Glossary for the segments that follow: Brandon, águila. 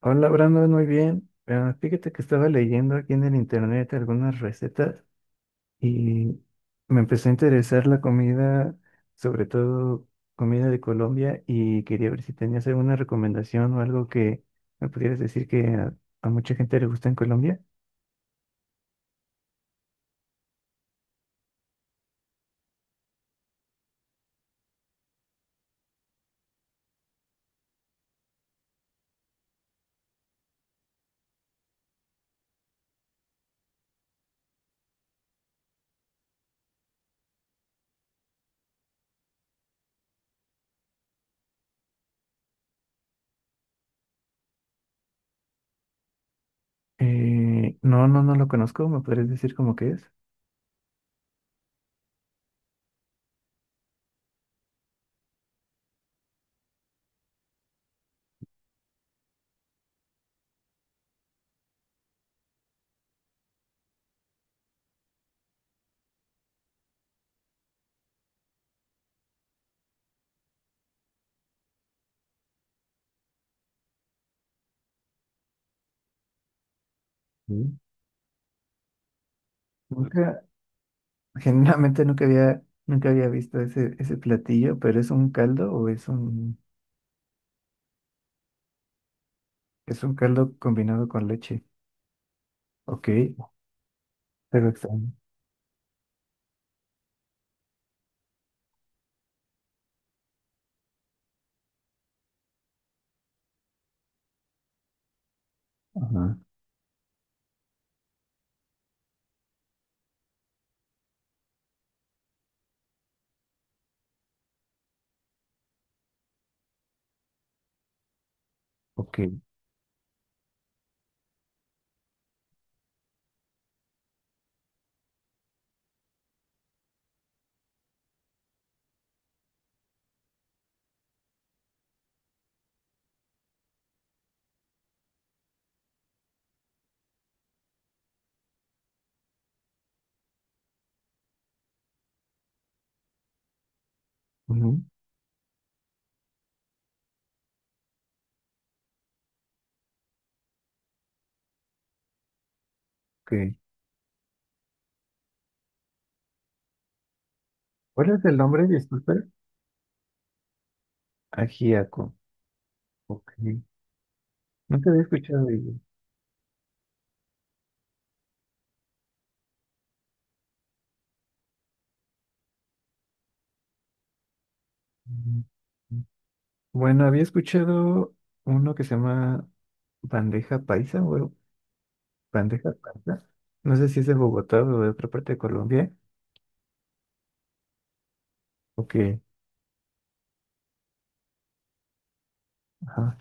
Hola Brandon, muy bien. Ah, fíjate que estaba leyendo aquí en el internet algunas recetas y me empezó a interesar la comida, sobre todo comida de Colombia, y quería ver si tenías alguna recomendación o algo que me pudieras decir que a mucha gente le gusta en Colombia. No, no, no lo conozco. ¿Me podrías decir cómo que es? Mm. Nunca, generalmente nunca había visto ese platillo, pero ¿es un caldo o es es un caldo combinado con leche? Ok, pero extraño. Ajá, ok, ujú, ok. ¿Cuál es el nombre? Disculpe. Ajíaco. Ok. Nunca había escuchado de ello. Ujú. Bueno, había escuchado uno que se llama bandeja paisa o algo- bandeja paisa. No sé si es de Bogotá o de otra parte de Colombia. Ok, ajá.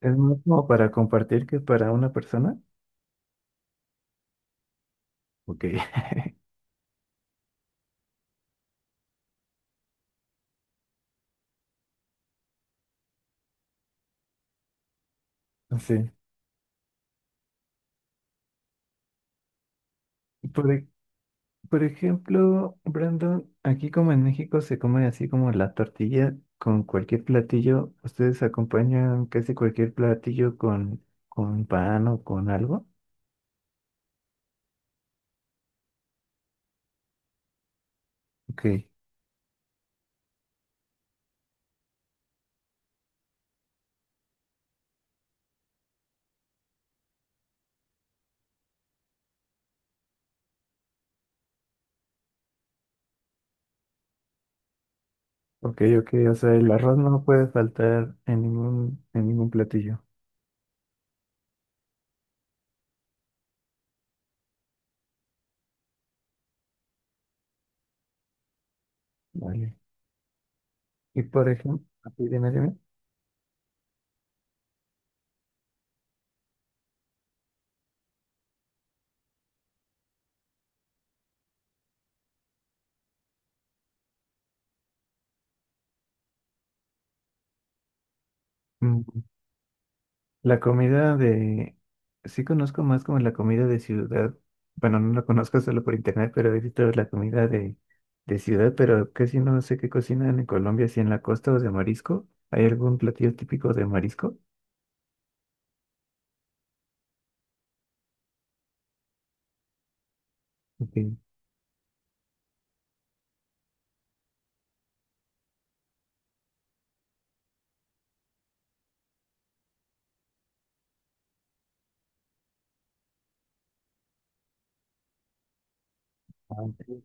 Es más como para compartir que para una persona. Ok. Sí. Por, e- Por ejemplo, Brandon, aquí como en México se come así como la tortilla con cualquier platillo. ¿Ustedes acompañan casi cualquier platillo con pan o con algo? Ok, ok, ok. O sea, el arroz no puede faltar en en ningún platillo. Vale. Y por ejemplo, dime, dime. Mm. La comida de... Sí conozco más como la comida de ciudad. Bueno, no la conozco solo por internet, pero he visto la comida de ciudad, pero casi no sé qué cocinan en Colombia, si en la costa o de marisco. ¿Hay algún platillo típico de marisco? Ok. Ah, ok.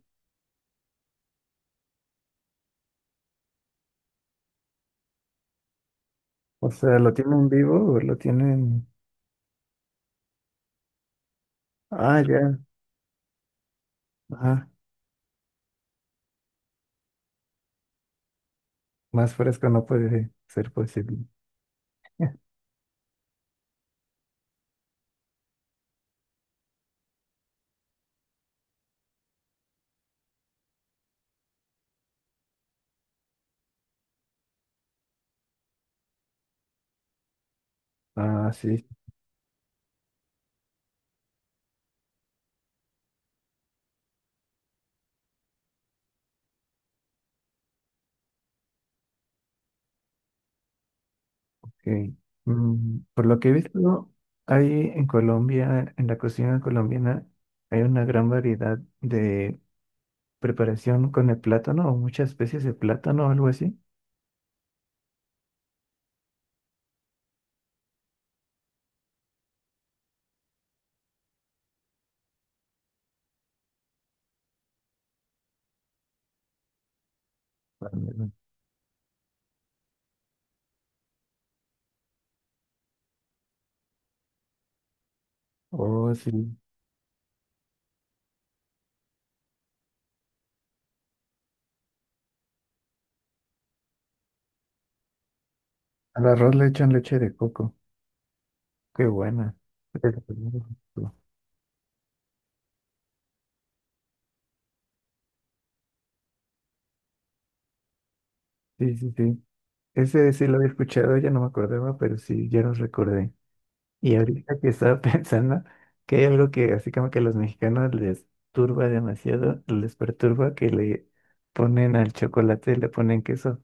O sea, ¿lo tienen vivo o lo tienen... Ah, ya. Ah, más fresco no puede ser posible. Ah, sí. Ok. Mm, por lo que he visto, hay en Colombia, en la cocina colombiana, hay una gran variedad de preparación con el plátano o muchas especies de plátano o algo así. Ah, mira. Oh, sí. Al arroz le echan leche de coco. Qué buena. Sí, sí, sí. Ese sí lo había escuchado, ya no me acordaba, pero sí, ya lo recordé. Y ahorita que estaba pensando que hay algo que así como que a los mexicanos les perturba que le ponen al chocolate, le ponen queso.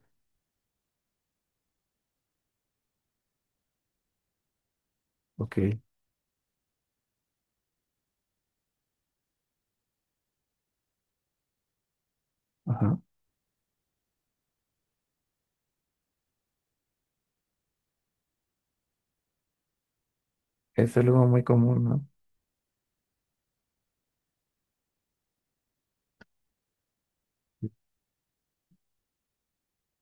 Ok. Ajá. Es algo muy común, ¿no?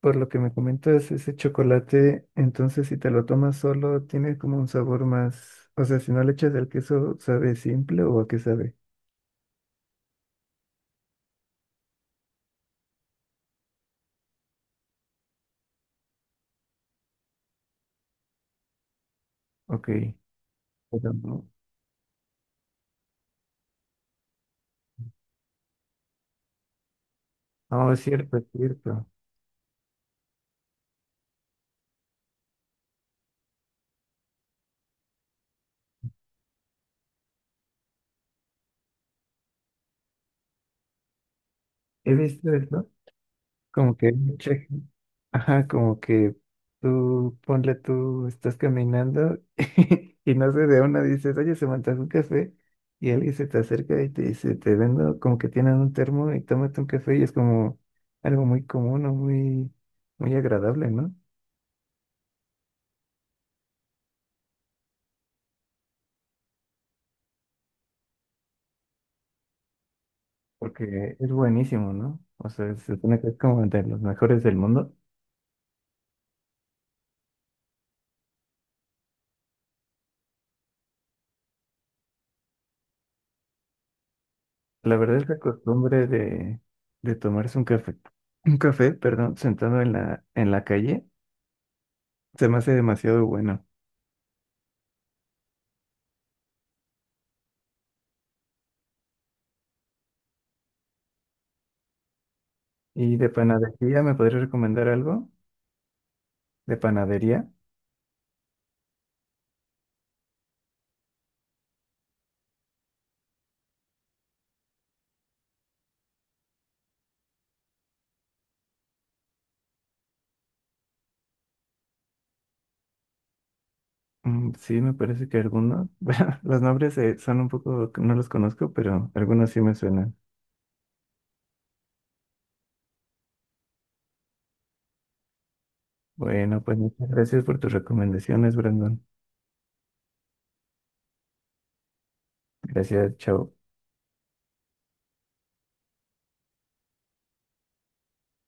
Por lo que me comentas, ese chocolate, entonces si te lo tomas solo, tiene como un sabor más, o sea, si no le echas el queso, ¿sabe simple o a qué sabe? Ok. Pero no, no, es cierto, es cierto. He visto eso, como que mucha Ajá, como que tú, ponle tú, estás caminando y no sé, de una dices, oye, se me antoja un café y alguien se te acerca y te dice, te vendo como que tienen un termo y tómate un café y es como algo muy común o muy, muy agradable, ¿no? Porque es buenísimo, ¿no? O sea, se supone que es como de los mejores del mundo. La verdad es la costumbre de tomarse un café, perdón, sentado en en la calle, se me hace demasiado bueno. ¿Y de panadería me podrías recomendar algo? ¿De panadería? Mm, sí, me parece que algunos. Bueno, los nombres son un poco, no los conozco, pero algunos sí me suenan. Bueno, pues muchas gracias por tus recomendaciones, Brandon. Gracias, chao.